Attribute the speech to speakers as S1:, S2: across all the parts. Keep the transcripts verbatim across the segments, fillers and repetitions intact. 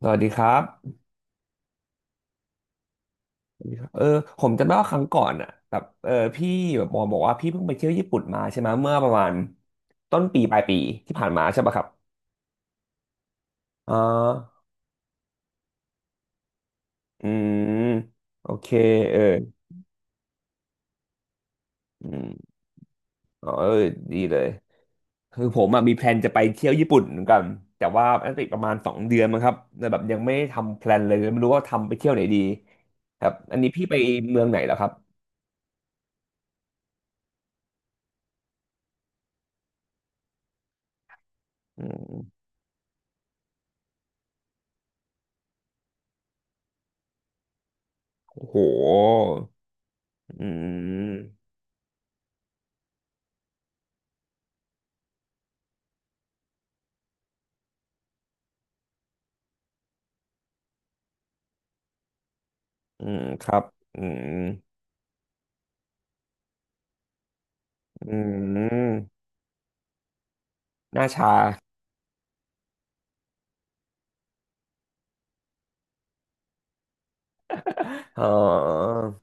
S1: สวัสดีครับเออผมจำได้ว่าครั้งก่อนอ่ะแบบเออพี่แบบบอกบอกว่าพี่เพิ่งไปเที่ยวญี่ปุ่นมาใช่ไหมเมื่อประมาณต้นปีปลายปีที่ผ่านมาใช่ปะครับอ๋ออืมโอเคเอออืมอ๋อเออดีเลยคือผมอะมีแพลนจะไปเที่ยวญี่ปุ่นเหมือนกันแต่ว่าน่าจะอีกประมาณสองเดือนมั้งครับแต่แบบยังไม่ได้ทำแพลนเลยไม่รู้ว่าทำไปเที่ยวไหนดีครับอันนี้พี่ไปเมืองไหนแล้วครับอืมโอ้โหอืม อืมครับอืมอืมหน้าชาอออ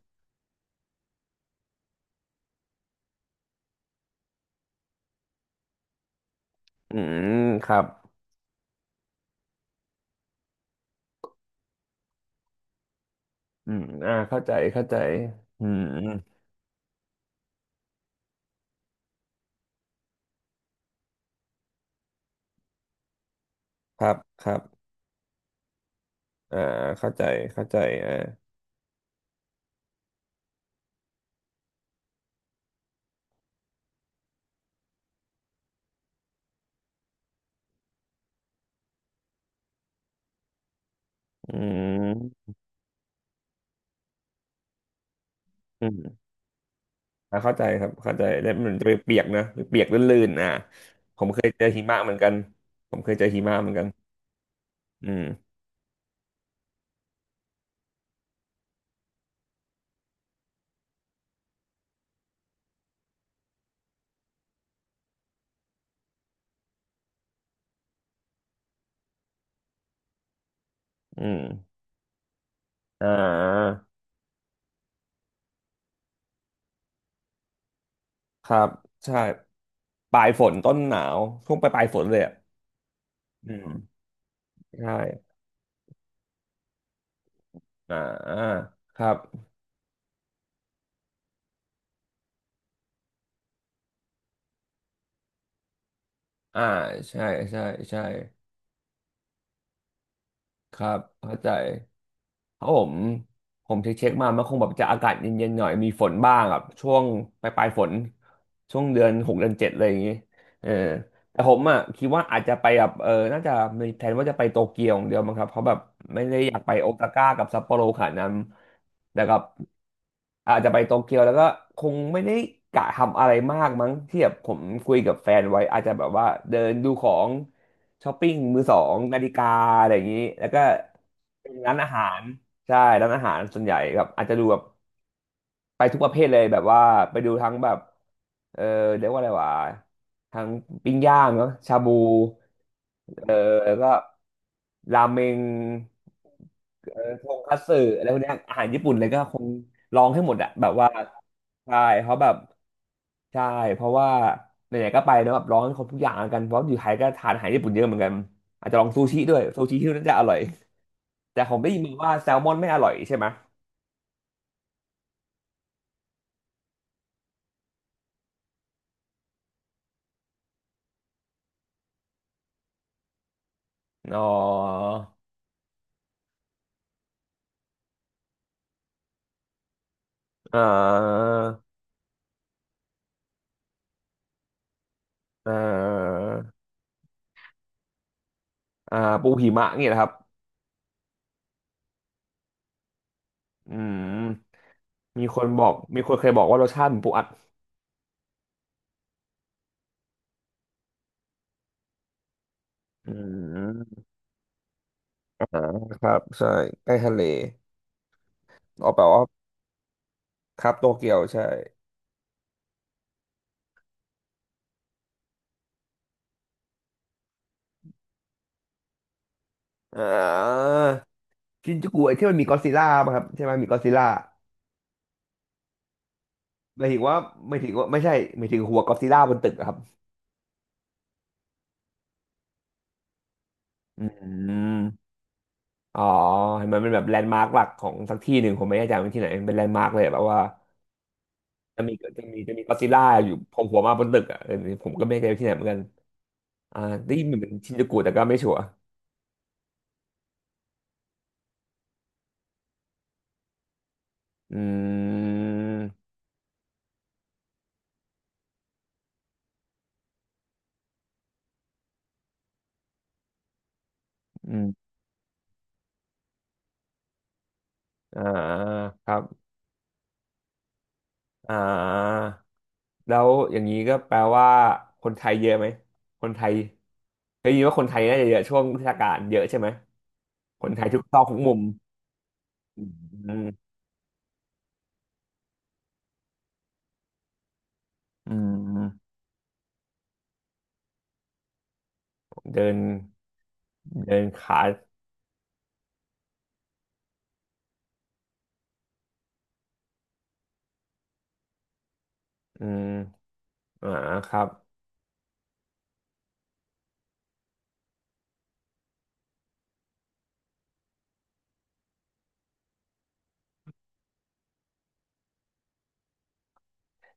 S1: อืมครับอืมอ่าเข้าใจเข้าใจอืมครับครับอ่าเข้าใจเข้าใจอ่าอืมอืมอ่าเข้าใจครับเข้าใจแล้วมันจะไปเปียกนะไปเปียกลื่นๆอ่าผมเคยเจอหิมะเหมือนกันผมเคยเจอหิมะเหมือนกันอืมอืมอ่าครับใช่ปลายฝนต้นหนาวช่วงปลายปลายฝนเลยอ่ะอืมใช่ อ่าครับ อ่าใช่ ใช่ ใช่ ครับ เข้าใจ ผมผมเช็คๆมา มันคงแบบจะอากาศเย็นๆหน่อยมีฝนบ้างอ่ะช่วงปลายๆฝนช่วงเดือนหกเดือนเจ็ดอะลยอย่างงี้เออแต่ผมอ่ะคิดว่าอาจจะไปแบบเออน่าจะมีแผนว่าจะไปโตเกียวอย่างเดียวมั้งครับเพราะแบบไม่ได้อยากไปโอซาก้ากับซัปโปโรขนาดนั้นแต่กับอาจจะไปโตเกียวแล้วก็คงไม่ได้กะทำอะไรมากมั้งที่แบบผมคุยกับแฟนไว้อาจจะแบบว่าเดินดูของช้อปปิ้งมือสองนาฬิกาอะไรอย่างนี้แล้วก็เป็นร้านอาหาร ใช่ร้านอาหารส่วนใหญ่แบบอาจจะดูแบบไปทุกประเภทเลยแบบว่าไปดูทั้งแบบเออเรียกว่าอะไรวะทั้งปิ้งย่างเนาะชาบูเออแล้วก็ราเมงเออทงคัตสึอะไรพวกเนี้ยอาหารญี่ปุ่นเลยก็คงลองให้หมดอะแบบว่าใช่เขาะแบบใช่เพราะว่าไหนๆก็ไปเนอะแบบลองให้ครบทุกอย่างแล้วกันเพราะอยู่ไทยก็ทานอาหารญี่ปุ่นเยอะเหมือนกันอาจจะลองซูชิด้วยซูชิที่นั่นจะอร่อยแต่ผมได้ยินมาว่าแซลมอนไม่อร่อยใช่ไหม อ๋อเอ่อเอ่ออ่าปูหิมะเงี่ยนะครับอืมมีคนบอกมีคนเคยบอกว่ารสชาติเหมือนปูอัดอืมอ่าครับใช่ใกล้ทะเลออกแปลว่าครับโตเกียวใช่อ่าชินจูกุไอ้ที่มันมีก็อดซิลล่าป่ะครับใช่ไหมมีก็อดซิลล่าหมายถึงว่าไม่ถึงว่าไม่ใช่หมายถึงหัวก็อดซิลล่าบนตึกอะครับอืมอ๋อเห็นมันเป็นแบบแลนด์มาร์กหลักของสักที่หนึ่งผมไม่แน่ใจว่าที่ไหนมันเป็นแลนด์มาร์กเลยแบบว่า จะมีจะมีจะมีก็อดซิลล่าอยู่โผล่หัวมาบนตึกอ่ะเออผมก็ไม่เคยไปที่ไหนเหมือนกันอ่าได้ยินเหมือนชินจูกุแต่ก็ไม่ชัวร์อืมอืมอ่าครับอ่าแล้วอย่างนี้ก็แปลว่าคนไทยเยอะไหมคนไทยได้ยินว่าคนไทยน่าจะเยอะช่วงเทศกาลเยอะใช่ไหมคนไทยทุกซอกทุกมุมอืมอืมเดินเดินขาอืมอ่าครับ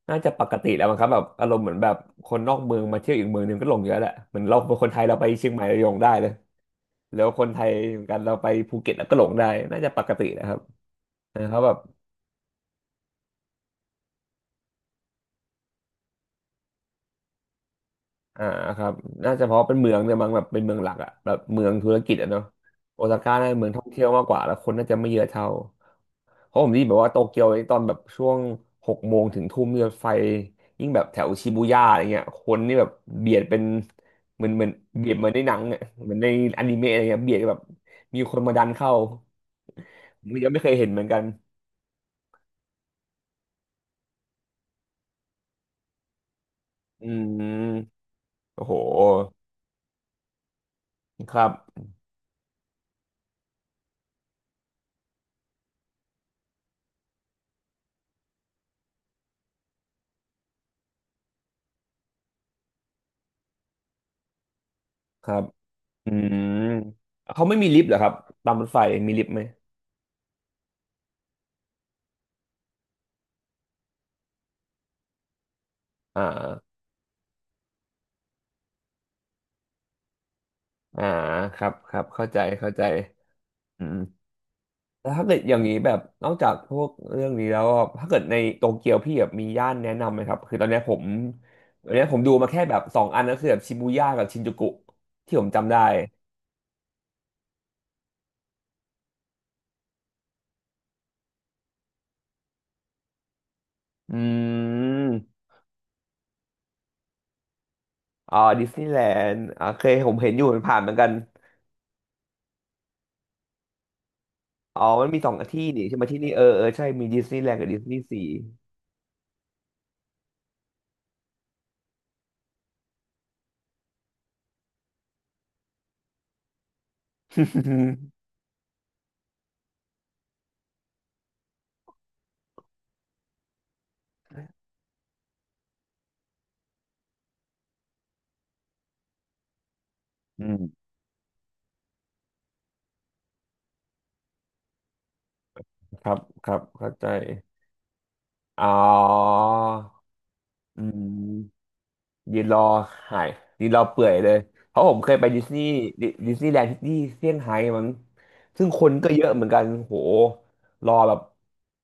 S1: น่าจะปกติแล้วมั้งครับแบบอารมณ์เหมือนแบบคนนอกเมืองมาเที่ยวอีกเมืองหนึงก็หลงเยอะแหละเหมือนเราเป็นคนไทยเราไปเชียงใหม่เราหลงได้เลยแล้วคนไทยเหมือนกันเราไปภูเก็ตแล้ก็หลงได้น่าจะปกตินะครับนะครับแบบอ่าครับน่าจะเพราะเป็นเมืองเนี่ยมั้งแบบเป็นเมืองหลักอะแบบเมืองธุรกิจอะเนาะโอซาก้าน่าจะเมืองท่องเที่ยวมากกว่าแล้วคนน่าจะไม่เยอะเท่า เพราะผมได้ยินแบบว่าโตเกียวตอนแบบช่วงหกโมงถึงทุ่มเนี่ยรถไฟยิ่งแบบแถวชิบูย่าอะไรเงี้ยคนนี่แบบเบียดเป็นเหมือนเหมือนเบียดเหมือนในหนังอะเหมือนในอนิเมะอะไรเงี้ยเบียดแบบมีคนมาดันเข้าผมยังไม่เคยเห็นเหมือนกันอืมโอ้โหครับครับอืมเขาไม่มีลิฟต์เหรอครับตามรถไฟมีลิฟต์ไหมอ่าอ่าครับครับเข้าใจเข้าใจอืม แล้วถ้าเกิดอย่างนี้แบบนอกจากพวกเรื่องนี้แล้วอะถ้าเกิดในโตเกียวพี่แบบมีย่านแนะนำไหมครับคือตอนเนี้ยผมตอนเนี้ยผมดูมาแค่แบบสองอันก็คือแบบชิบูย่ากับชินจูกุที่ผมจำได้อืมอ๋อดิสนีย์แลนด์อ่าเคยผมเห็นอยู่มันผ่านเหมือนกันอ๋อมันมีสองที่นี่ใช่ไหมที่นี่เออเออใช่มีดิสนีย์แลนด์กับดิสนีย์ซี อืมครับครับเข้าใจอ๋ออืม ยืนรอหายยืนรอเปื่อยเลยเพราะผมเคยไปดิสนีย์ดิดิสนีย์แลนด์ที่เซี่ยงไฮ้มั้งซึ่งคนก็เยอะเหมือนกันโหรอแบบ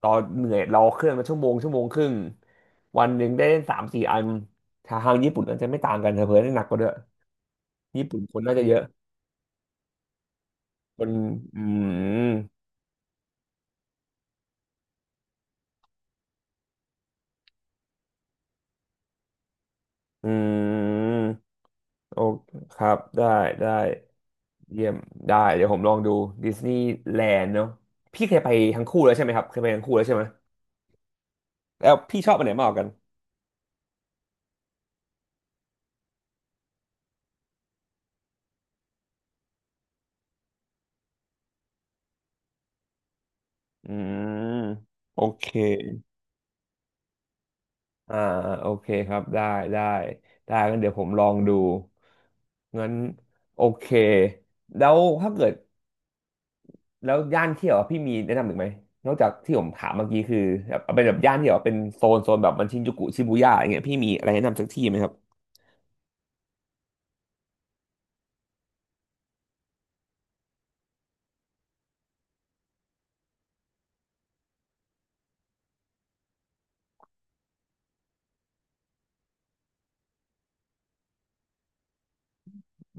S1: รอเหนื่อยรอเครื่องมาชั่วโมงชั่วโมงครึ่งวันหนึ่งได้เล่นสามสี่อันทางทางญี่ปุ่นน่าจะไม่ต่างกันเถอะเพื่อนได้หนักกว่าด้วยญี่ปุ่นคนน่าจะเยอะคนอืมอืมโอเคครับได้ได้เยี่ยมได้เดี๋ยวผมลองดูดิสนีย์แลนด์เนาะพี่เคยไปทั้งคู่แล้วใช่ไหมครับเคยไปทั้งคู่แล้วใช่ไหม แล้วพี่ชอบอันไหนมากกว่ากันอืมโอเคอ่าอโอเคครับได้ได้ได้งั้นเดี๋ยวผมลองดูงั้นโอเคแล้วถ้าเกิดแล้วย่านเที่ยวอะพี่มีแนะนำอีกไหมนอกจากที่ผมถามเมื่อกี้คือแบบเอาเป็นแบบย่านที่แบบเป็นโซนโซนแบบมันชินจูกุชิบูย่าอย่างเงี้ยพี่มีอะไรแนะนำสักที่ไหมครับ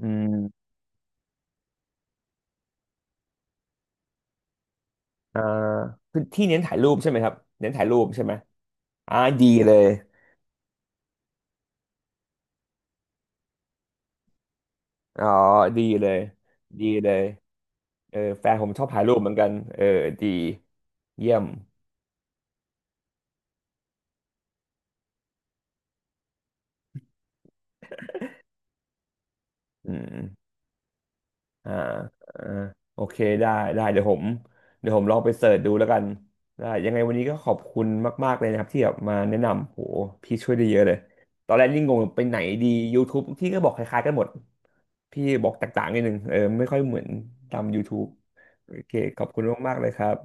S1: อืมอ่าคือที่เน้นถ่ายรูปใช่ไหมครับเน้นถ่ายรูปใช่ไหมอ่าดีเลย อ๋อดีเลยดีเลยเออแฟนผมชอบถ่ายรูปเหมือนกันเออดีเยี่ยมอืมอ่าอ่าโอเคได้ได้เดี๋ยวผมเดี๋ยวผมลองไปเสิร์ชดูแล้วกันได้ยังไงวันนี้ก็ขอบคุณมากๆเลยนะครับที่แบบมาแนะนำโหพี่ช่วยได้เยอะเลยตอนแรกนี่งงไปไหนดี YouTube ที่ก็บอกคล้ายๆกันหมดพี่บอกแตกต่างๆนิดนึงเออไม่ค่อยเหมือนตาม YouTube โอเคขอบคุณมากๆเลยครับ